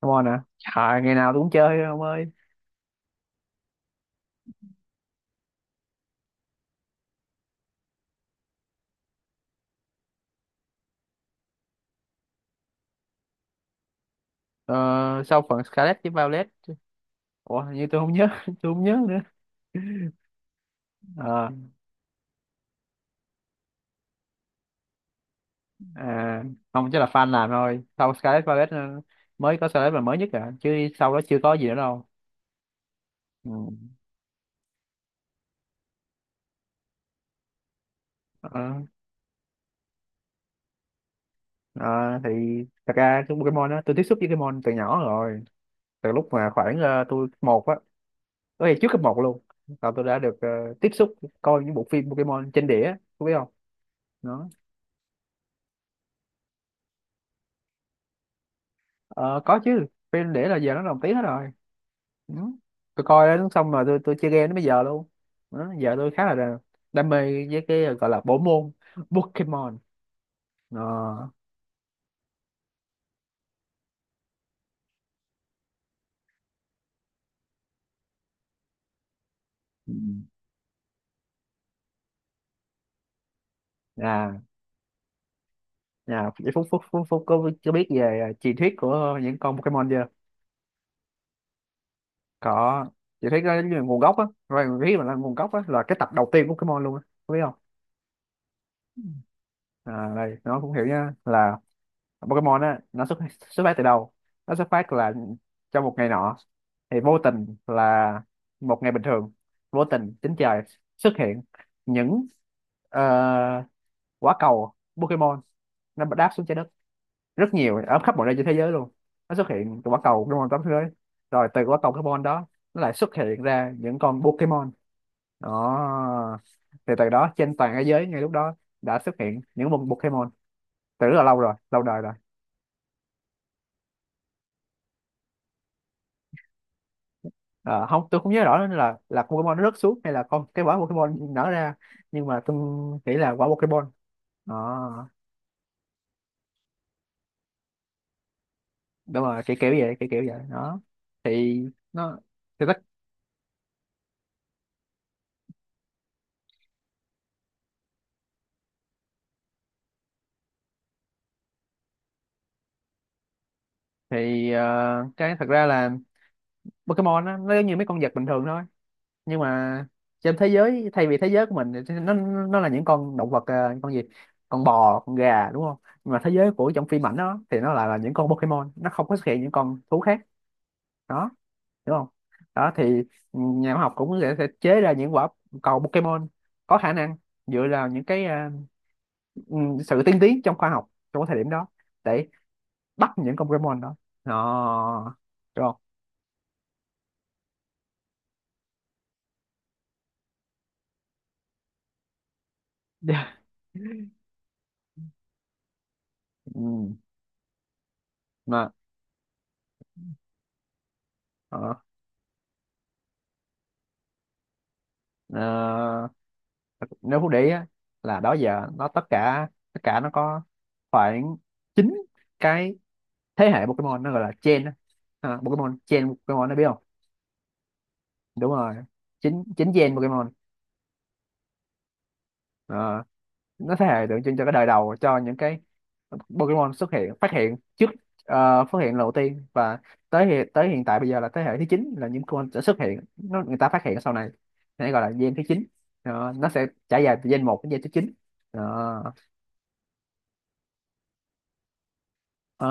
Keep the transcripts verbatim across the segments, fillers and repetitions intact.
Come on à Trời, ngày nào tôi cũng chơi ông ơi. ờ, Sau phần Scarlet với Violet. Ủa, hình như tôi không nhớ tôi không nhớ nữa. Ờ, à, Không chắc là fan làm thôi. Sau Scarlet Violet, ờ, mới có Scarlet là mới nhất à chứ, sau đó chưa có gì nữa đâu. Ừ. Ờ, ờ, thì thật ra cái Pokemon đó, tôi tiếp xúc với Pokemon từ nhỏ rồi. Từ lúc mà khoảng ờ, tôi cấp một á, có thể trước cấp một luôn, là tôi đã được ờ, tiếp xúc, coi những bộ phim Pokemon trên đĩa, có biết không? Đó. Ờ, có chứ, phim đĩa là giờ nó lồng tiếng hết rồi. Ừ. Tôi coi đó xong rồi tôi tôi chơi game đến bây giờ luôn. Đó, giờ tôi khá là đam, đam mê với cái gọi là bộ môn Pokemon. Ờ. Ừ. à à phúc phúc phúc phúc có, có biết về truyền thuyết của những con Pokemon chưa? Có. Truyền thuyết đó là nguồn gốc á, rồi truyền thuyết mà là nguồn gốc á là cái tập đầu tiên của Pokemon luôn á, có biết không? À, đây nó cũng hiểu nha, là Pokemon á, nó xuất xuất phát từ đâu. Nó xuất phát là trong một ngày nọ, thì vô tình là một ngày bình thường, vô tình trên trời xuất hiện những ờ, quả cầu Pokemon. Nó đáp xuống trái đất rất nhiều, ở khắp mọi nơi trên thế giới luôn. Nó xuất hiện từ quả cầu Pokemon tám thế giới, rồi từ quả cầu Pokemon đó, nó lại xuất hiện ra những con Pokemon đó. Thì từ đó trên toàn thế giới, ngay lúc đó đã xuất hiện những con Pokemon từ rất là lâu rồi, lâu đời rồi. Ờ, không, tôi không nhớ rõ nữa là là con Pokemon nó rớt xuống hay là con, cái quả Pokemon nở ra, nhưng mà tôi nghĩ là quả Pokemon. Ờ, đúng rồi, kiểu kiểu vậy, kiểu kiểu vậy đó. Thì nó, thì tất, thì ờ, cái thật ra là, Pokemon á, nó giống như mấy con vật bình thường thôi, nhưng mà trên thế giới, thay vì thế giới của mình, thì nó nó là những con động vật, ờ, con gì, con bò, con gà, đúng không? Nhưng mà thế giới của trong phim ảnh đó, thì nó lại là những con Pokemon, nó không có xuất hiện những con thú khác. Đó, đúng không? Đó thì nhà khoa học cũng sẽ, sẽ chế ra những quả cầu Pokemon có khả năng, dựa vào những cái à, ừ, sự tiên tiến trong khoa học trong cái thời điểm đó, để bắt những con Pokemon đó. Đó, đúng không? Dạ. Ừ. Mà ờ, ờ, nếu Phú để ý á, là đó giờ nó tất cả tất cả nó có khoảng chín cái thế hệ Pokemon, nó gọi là gen á. Ờ, Pokemon gen, Pokemon, nó biết không? Đúng rồi, chín, chín gen Pokemon. Ờ, nó thế hệ tượng trưng cho cái đời đầu, cho những cái Pokemon xuất hiện, phát hiện trước, ờ, phát hiện lần đầu tiên. Và tới hiện, tới hiện tại bây giờ là thế hệ thứ chín, là những con sẽ xuất hiện, nó người ta phát hiện sau này, nên gọi là gen thứ chín. Đó, nó sẽ trải dài từ gen một đến gen thứ chín. Đó. Ờ,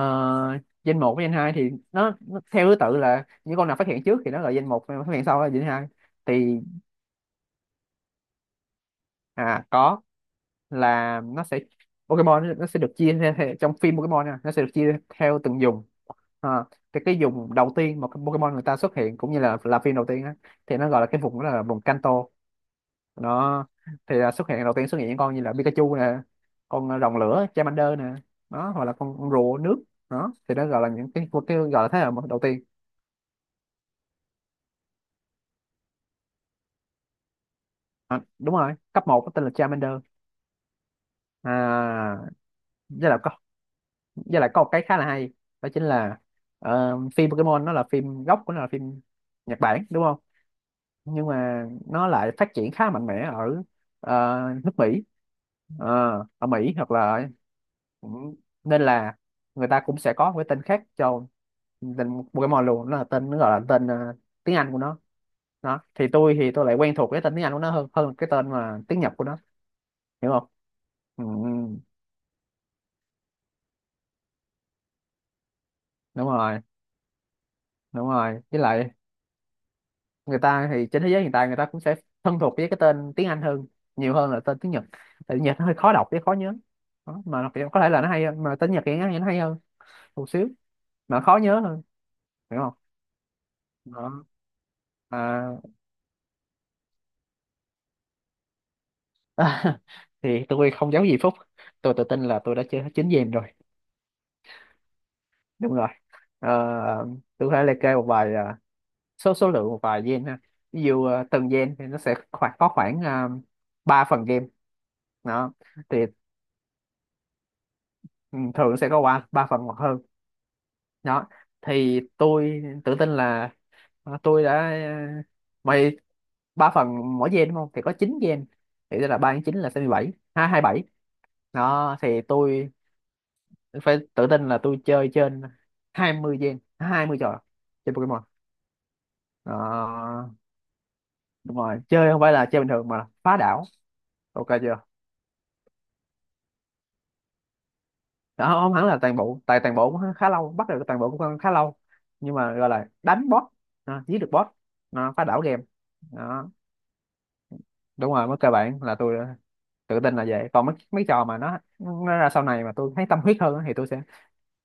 gen một với gen hai thì nó, nó theo thứ tự là những con nào phát hiện trước thì nó là gen một, phát hiện sau là gen hai. Thì à, có, là nó sẽ, Pokemon nó nó sẽ được chia ra theo, trong phim Pokemon nha, nó sẽ được chia theo từng vùng. Ờ, cái cái vùng đầu tiên mà cái Pokemon người ta xuất hiện, cũng như là là phim đầu tiên á, thì nó gọi là cái vùng đó là vùng Kanto. Nó thì là xuất hiện đầu tiên, xuất hiện những con như là Pikachu nè, con rồng lửa Charmander nè, đó, hoặc là con, con rùa nước. Đó thì nó gọi là những cái cái gọi là thế hệ đầu tiên. À, đúng rồi, cấp một có tên là Charmander. À, với là có, với lại có một cái khá là hay, đó chính là ờ, phim Pokemon, nó là phim gốc của nó là phim Nhật Bản, đúng không? Nhưng mà nó lại phát triển khá mạnh mẽ ở ờ, nước Mỹ. Ờ, ở Mỹ hoặc là cũng, nên là người ta cũng sẽ có một cái tên khác cho tên Pokemon luôn, nó là tên, nó gọi là tên ờ, tiếng Anh của nó. Đó thì tôi, thì tôi lại quen thuộc cái tên tiếng Anh của nó hơn, hơn cái tên mà tiếng Nhật của nó, hiểu không? Ừ, ừ, đúng rồi, đúng rồi. Với lại người ta, thì trên thế giới hiện tại, người ta cũng sẽ thân thuộc với cái tên tiếng Anh hơn, nhiều hơn là tên tiếng Nhật. Tại Nhật nó hơi khó đọc với khó nhớ, đó, mà nó có thể là nó hay hơn, mà tên Nhật thì nó, nó hay hơn một xíu, mà khó nhớ hơn, hiểu không? Đó. À, thì tôi không giấu gì Phúc, tôi tự tin là tôi đã chơi hết chín game rồi. Đúng rồi. Ờ, tôi có thể liệt kê một vài à, số số lượng một vài gen, ha. Ví dụ à, từng gen thì nó sẽ khoảng có khoảng uh, ba phần game. Đó thì ừ, thường sẽ có qua ba phần hoặc hơn. Đó thì tôi tự tin là à, tôi đã à, mày, ba phần mỗi gen, đúng không, thì có chín gen, thì tức là ba nhân chín là sáu mươi bảy, hai hai bảy. Đó thì tôi phải tự tin là tôi chơi trên hai mươi gen, hai mươi trò trên Pokemon. Đó, đúng rồi, chơi không phải là chơi bình thường, mà là phá đảo, ok chưa? Đó, không hẳn là toàn bộ, tại toàn bộ cũng khá lâu, bắt được toàn bộ cũng khá lâu, nhưng mà gọi là đánh boss. À, giết được boss. À, phá đảo game. Đó, đúng rồi, mức cơ bản là tôi đã tự tin là vậy. Còn mấy mấy trò mà nó nó ra sau này mà tôi thấy tâm huyết hơn á, thì tôi sẽ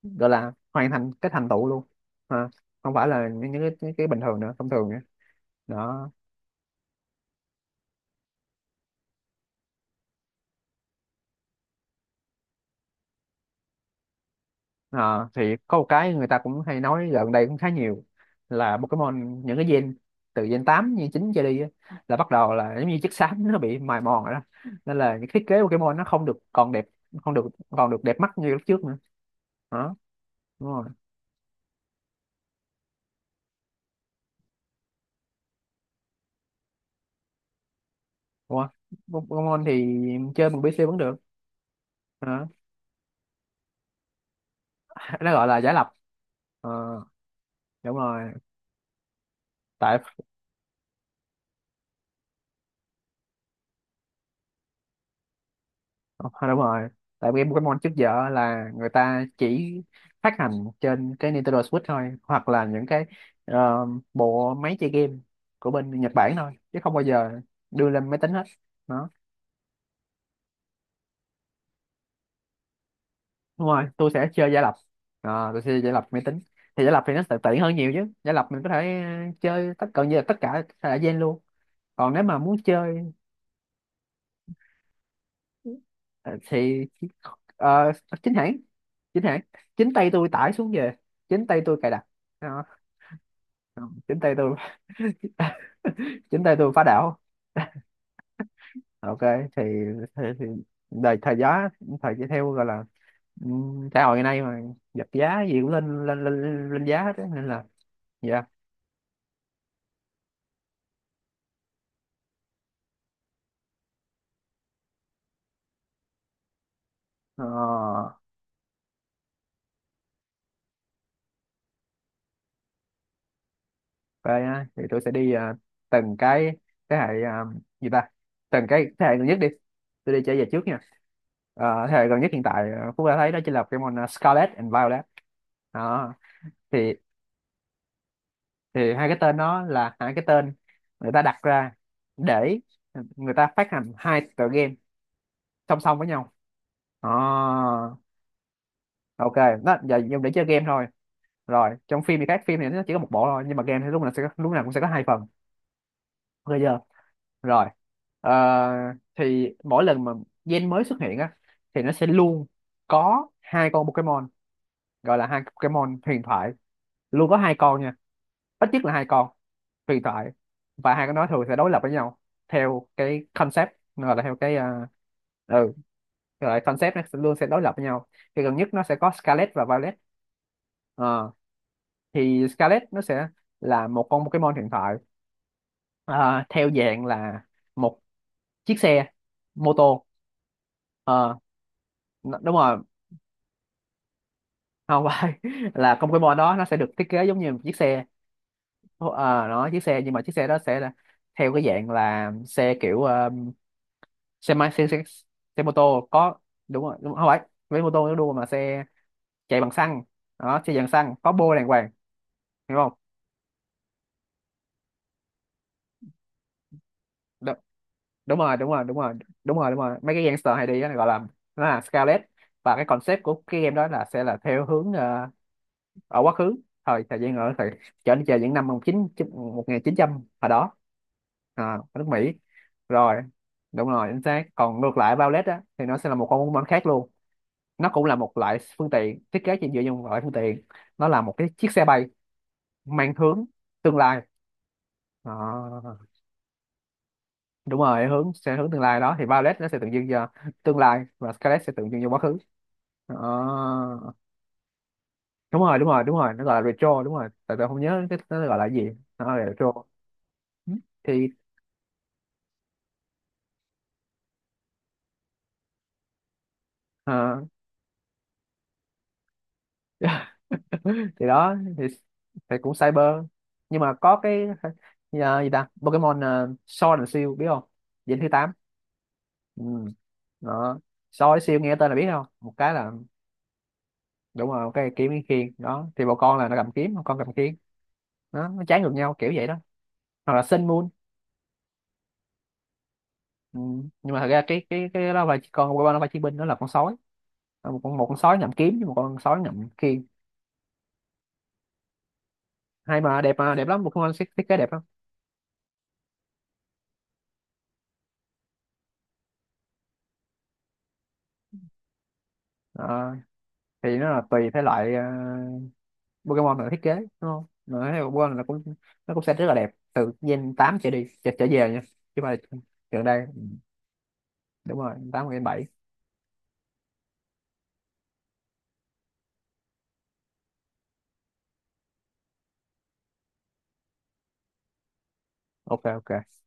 gọi là hoàn thành cái thành tựu luôn. À, không phải là những, những cái, những cái bình thường nữa, thông thường nữa. Đó. Ờ, thì có một cái người ta cũng hay nói gần đây cũng khá nhiều, là Pokemon những cái gen từ gen tám, gen chín trở đi á, là bắt đầu là giống như chất xám nó bị mài mòn rồi, đó nên là những thiết kế Pokemon nó không được còn đẹp, không được còn được đẹp mắt như lúc trước nữa. Đó. Đúng rồi. Ủa, Pokemon thì chơi bằng pê xê vẫn được. Hả? Nó gọi là giả lập. Ờ, đúng rồi. Tại ờ, đúng rồi, tại game Pokemon trước giờ là người ta chỉ phát hành trên cái Nintendo Switch thôi, hoặc là những cái ờ, bộ máy chơi game của bên Nhật Bản thôi, chứ không bao giờ đưa lên máy tính hết. Đó. Đúng rồi, tôi sẽ chơi giả lập. Ờ, tôi sẽ chơi giả lập máy tính. Thì giả lập thì nó sẽ tiện hơn nhiều chứ. Giả lập mình có thể ờ, chơi tất cả, như là tất cả thể loại gen luôn. Còn nếu mà muốn chơi, Ờ, thì ờ, chính hãng, chính hãng, chính tay tôi tải xuống về, chính tay tôi cài đặt. Ờ, chính tay tôi chính tay tôi phá đảo, ok. Thì thì, thì đời thời giá, thời giá theo gọi là ừm, xã hội ngày nay mà, vật giá gì cũng lên lên lên, lên giá hết á, nên là dạ. Ờ, vậy á, thì tôi sẽ đi à, từng cái thế hệ, à, gì ta, từng cái thế hệ gần nhất đi, tôi đi trở về trước nha. Ờ, thế hệ gần nhất hiện tại, à, Phú đã thấy đó chính là Pokemon, à, Scarlet and Violet. Đó thì thì hai cái tên đó là hai cái tên người ta đặt ra để người ta phát hành hai tựa game song song với nhau. À, ok. Đó giờ dùng để chơi game thôi, rồi trong phim thì khác, phim thì nó chỉ có một bộ thôi, nhưng mà game thì lúc nào sẽ có, lúc nào cũng sẽ có hai phần, ok chưa? Rồi ờ, thì mỗi lần mà gen mới xuất hiện á, thì nó sẽ luôn có hai con Pokemon, gọi là hai Pokemon huyền thoại, luôn có hai con nha, ít nhất là hai con huyền thoại. Và hai con đó thường sẽ đối lập với nhau theo cái concept, gọi là theo cái ờ, ừ gọi là concept, nó sẽ luôn sẽ đối lập với nhau. Thì gần nhất nó sẽ có Scarlet và Violet. Ờ, thì Scarlet nó sẽ là một con Pokemon hiện tại ờ, theo dạng là một chiếc xe mô tô. ờ n- Đúng rồi, không phải là trong cái mô đó nó sẽ được thiết kế giống như một chiếc xe. Ờ nó chiếc xe, nhưng mà chiếc xe đó sẽ là theo cái dạng là xe kiểu, ờ, xe máy, xe, xe, xe mô tô có, đúng rồi, đúng, không phải với mô tô nó đua, mà xe chạy bằng xăng. Đó, xe dạng xăng có bô đàng hoàng, hiểu không? Đúng, đúng rồi, đúng rồi, đúng rồi, đúng rồi, đúng rồi, mấy cái gangster hay đi đó, gọi là nó là scarlet. Và cái concept của cái game đó là sẽ là theo hướng ờ, ở quá khứ, thời thời gian ở thời trở đi, chờ những năm một chín, một nghìn chín trăm, hồi đó. À, ở nước Mỹ rồi. Đúng rồi, chính xác. Còn ngược lại Violet á, thì nó sẽ là một con bóng bóng khác luôn. Nó cũng là một loại phương tiện, thiết kế chỉ dựa trên một loại phương tiện. Nó là một cái chiếc xe bay mang hướng tương lai. À, đúng rồi, hướng sẽ hướng tương lai. Đó thì Violet nó sẽ tượng trưng cho tương lai, và Scarlet sẽ tượng trưng cho quá khứ. À, đúng rồi, đúng rồi, đúng rồi, nó gọi là retro, đúng rồi. Tại tôi không nhớ cái nó gọi là gì. Nó gọi là retro. Ừ. Thì Ờ. Thì đó thì, thì cũng cyber, nhưng mà có cái ờ, gì ta, Pokemon uh, Sword and Shield biết không? Diễm thứ tám. Ừ. Đó, Sword and Shield nghe tên là biết không, một cái là đúng rồi, một cái kiếm cái khiên. Đó thì một con là nó cầm kiếm, một con cầm khiên. Đó, nó trái ngược nhau kiểu vậy đó. Hoặc là Sun Moon. Ừ. Nhưng mà thật ra cái cái cái đó là chỉ, con Pokemon đó là chiến binh, nó là con sói. Ờ, một con, một con sói ngậm kiếm với một con sói ngậm khiên. Hay mà đẹp, mà đẹp lắm, một con thiết, thiết kế đẹp lắm. Ờ, thì nó là tùy thể loại ờ, Pokemon là thiết kế, đúng không, mà thấy Pokemon là cũng, nó cũng sẽ rất là đẹp từ gen tám trở đi, trở, trở về nha. Chứ mà gần đây, đúng rồi, tám, gen bảy. Ok ok.